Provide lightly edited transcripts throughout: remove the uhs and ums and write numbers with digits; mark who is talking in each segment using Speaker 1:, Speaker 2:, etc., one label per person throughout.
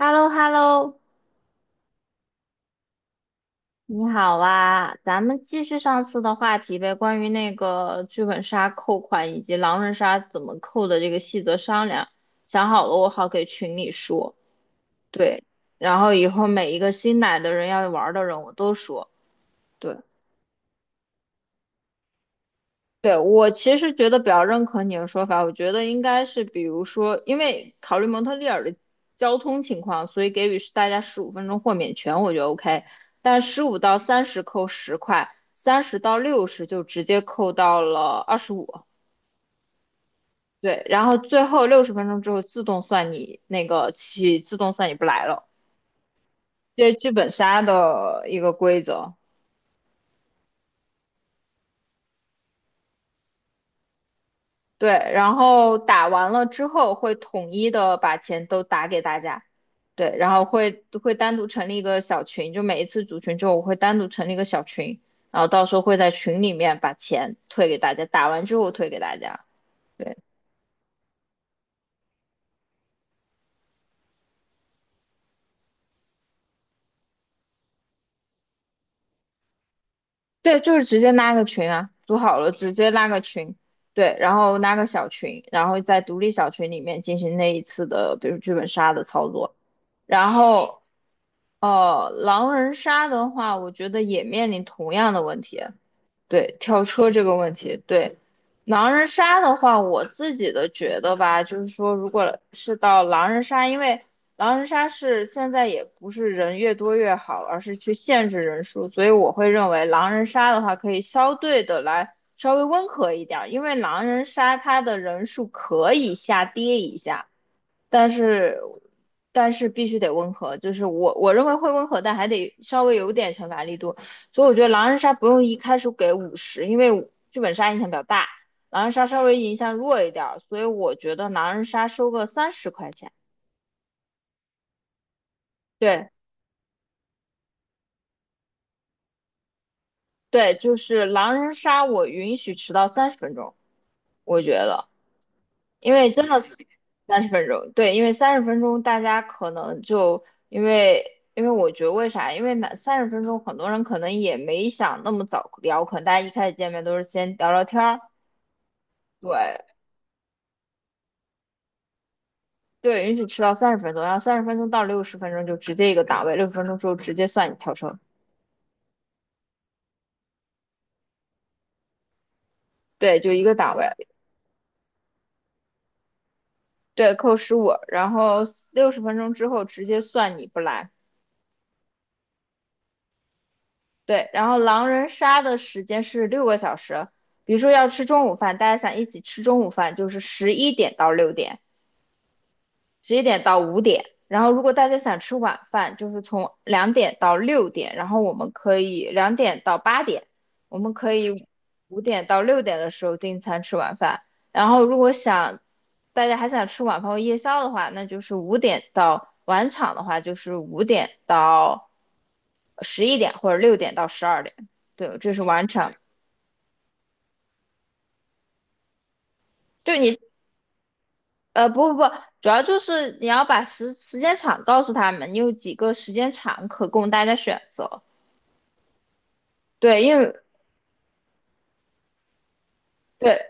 Speaker 1: h e l l o h e l l o 你好啊，咱们继续上次的话题呗，关于那个剧本杀扣款以及狼人杀怎么扣的这个细则商量，想好了我好给群里说，对，然后以后每一个新来的人要玩的人我都说，对，对，我其实觉得比较认可你的说法，我觉得应该是，比如说，因为考虑蒙特利尔的交通情况，所以给予是大家十五分钟豁免权，我觉得 OK。但15到30扣十块，30到60就直接扣到了25。对，然后最后六十分钟之后自动算你不来了，这剧本杀的一个规则。对，然后打完了之后会统一的把钱都打给大家。对，然后会单独成立一个小群，就每一次组群之后，我会单独成立一个小群，然后到时候会在群里面把钱退给大家，打完之后退给大家。对对，就是直接拉个群啊，组好了直接拉个群，对，然后拉个小群，然后在独立小群里面进行那一次的，比如剧本杀的操作。然后狼人杀的话，我觉得也面临同样的问题，对，跳车这个问题，对，狼人杀的话，我自己的觉得吧，就是说，如果是到狼人杀，因为狼人杀是现在也不是人越多越好，而是去限制人数，所以我会认为狼人杀的话，可以相对的来稍微温和一点儿，因为狼人杀它的人数可以下跌一下，但是但是必须得温和，就是我认为会温和，但还得稍微有点惩罚力度。所以我觉得狼人杀不用一开始给50，因为剧本杀影响比较大，狼人杀稍微影响弱一点儿，所以我觉得狼人杀收个30块钱。对对，就是狼人杀我允许迟到三十分钟，我觉得，因为真的三十分钟，对，因为三十分钟大家可能就因为。因为我觉得为啥？因为那三十分钟，很多人可能也没想那么早聊，可能大家一开始见面都是先聊聊天儿，对，对，允许迟到三十分钟，然后30分钟到60分钟就直接一个档位，六十分钟之后直接算你跳车。对，就一个档位，对，扣十五，然后六十分钟之后直接算你不来。对，然后狼人杀的时间是六个小时，比如说要吃中午饭，大家想一起吃中午饭，就是11点到6点；十一点到五点。然后如果大家想吃晚饭，就是从2点到6点，然后我们可以两点到八点，我们可以5点到6点的时候订餐吃晚饭。然后如果想大家还想吃晚饭或夜宵的话，那就是五点到晚场的话，就是5点到11点或者六点到十二点。对，这是晚场。就你不不不，主要就是你要把时间场告诉他们，你有几个时间场可供大家选择。对，因为对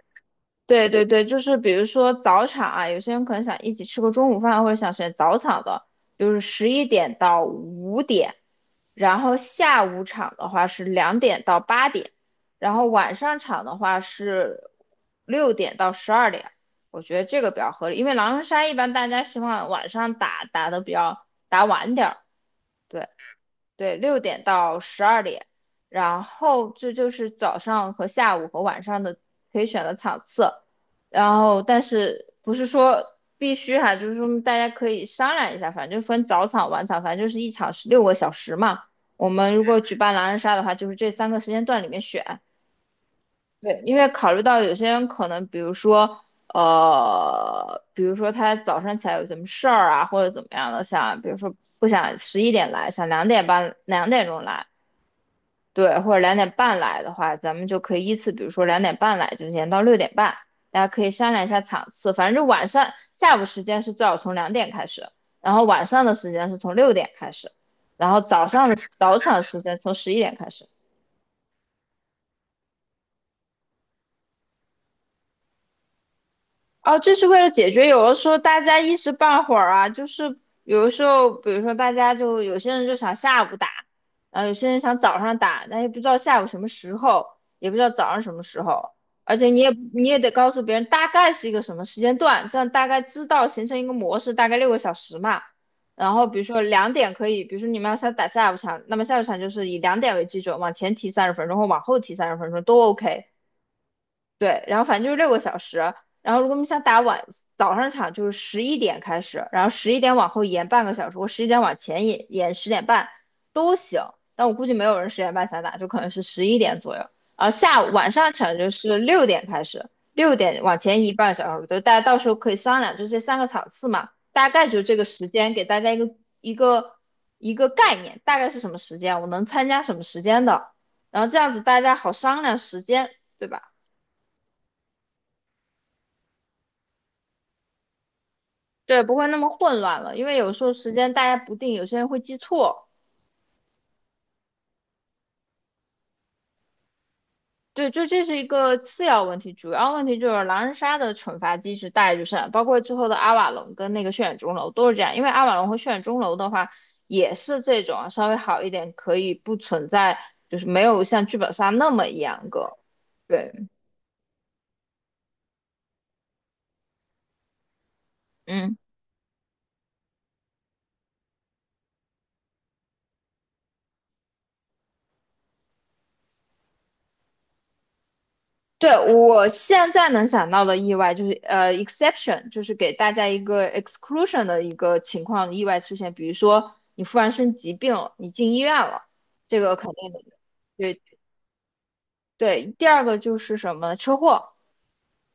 Speaker 1: 对对对，就是比如说早场啊，有些人可能想一起吃个中午饭，或者想选早场的，就是十一点到五点，然后下午场的话是两点到八点，然后晚上场的话是六点到十二点。我觉得这个比较合理，因为狼人杀一般大家希望晚上打打的比较打晚点。对对，六点到十二点，然后这就是早上和下午和晚上的可以选的场次，然后但是不是说必须哈、就是说大家可以商量一下，反正分早场晚场，反正就是一场是六个小时嘛。我们如果举办狼人杀的话，就是这三个时间段里面选，对，因为考虑到有些人可能，比如说他早上起来有什么事儿啊，或者怎么样的，想，比如说不想十一点来，想2点半、2点钟来，对，或者两点半来的话，咱们就可以依次，比如说两点半来，就延到6点半，大家可以商量一下场次。反正就晚上下午时间是最好从两点开始，然后晚上的时间是从六点开始，然后早上的早场时间从十一点开始。哦，这是为了解决，有的时候大家一时半会儿啊，就是有的时候，比如说大家就有些人就想下午打，然后有些人想早上打，但也不知道下午什么时候，也不知道早上什么时候，而且你也得告诉别人大概是一个什么时间段，这样大概知道形成一个模式，大概六个小时嘛。然后比如说两点可以，比如说你们要想打下午场，那么下午场就是以两点为基准，往前提三十分钟或往后提三十分钟都 OK。对，然后反正就是六个小时。然后如果你想打早上场，就是十一点开始，然后十一点往后延半个小时，或十一点往前延十点半都行。但我估计没有人十点半想打，就可能是十一点左右。然后下午晚上场就是六点开始，六点往前移半个小时，就大家到时候可以商量，就这三个场次嘛，大概就这个时间给大家一个一个概念，大概是什么时间，我能参加什么时间的，然后这样子大家好商量时间，对吧？对，不会那么混乱了，因为有时候时间大家不定，有些人会记错。对，就这是一个次要问题，主要问题就是狼人杀的惩罚机制大概就是这样包括之后的阿瓦隆跟那个血染钟楼都是这样。因为阿瓦隆和血染钟楼的话，也是这种稍微好一点，可以不存在，就是没有像剧本杀那么严格。对，嗯。对，我现在能想到的意外就是，exception，就是给大家一个 exclusion 的一个情况，意外出现，比如说你突然生疾病了你进医院了，这个肯定的。对对，第二个就是什么车祸，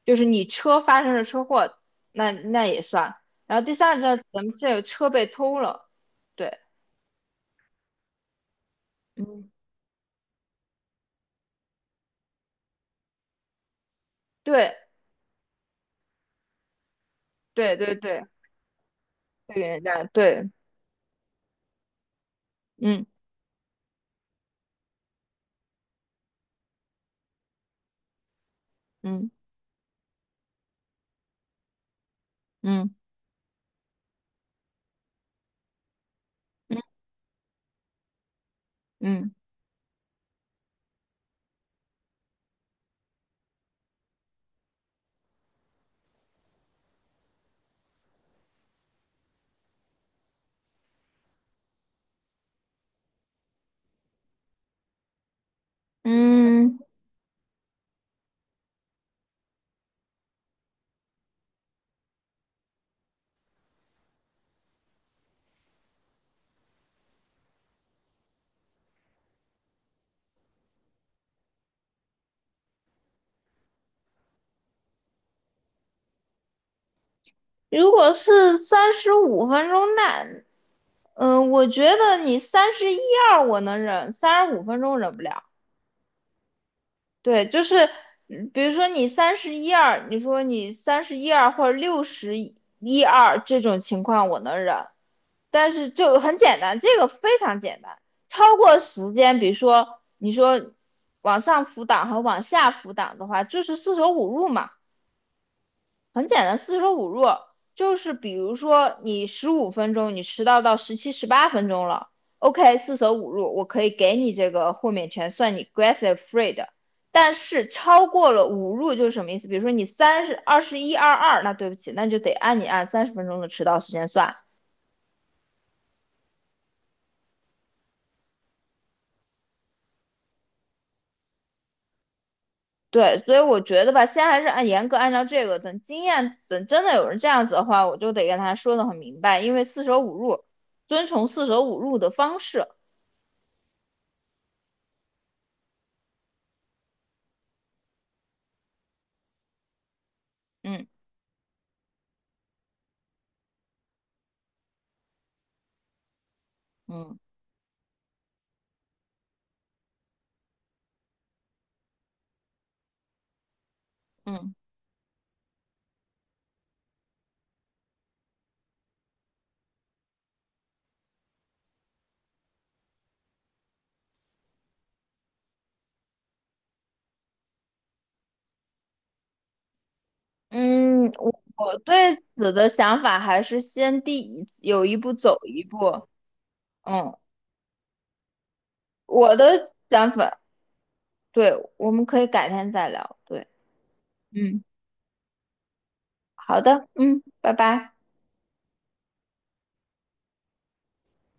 Speaker 1: 就是你车发生了车祸，那也算。然后第三个，咱们这个车被偷了，对，嗯，对对对对，这个人家对，嗯嗯嗯嗯嗯嗯。如果是三十五分钟，那我觉得你三十一二我能忍，三十五分钟忍不了。对，就是比如说你三十一二，你说你三十一二或者六十一二这种情况我能忍，但是就很简单，这个非常简单。超过时间，比如说你说往上浮档和往下浮档的话，就是四舍五入嘛。很简单，四舍五入就是比如说你十五分钟你迟到到17、18分钟了，OK，四舍五入我可以给你这个豁免权，算你 grace free 的。但是超过了五入就是什么意思？比如说你三十二十一二二，那对不起，那就得按你按三十分钟的迟到时间算。对，所以我觉得吧，先还是按严格按照这个，等经验，等真的有人这样子的话，我就得跟他说的很明白，因为四舍五入，遵从四舍五入的方式。嗯嗯嗯。嗯，我对此的想法还是先第一有一步走一步。嗯，我的想法，对，我们可以改天再聊。对，嗯，好的，嗯，拜拜。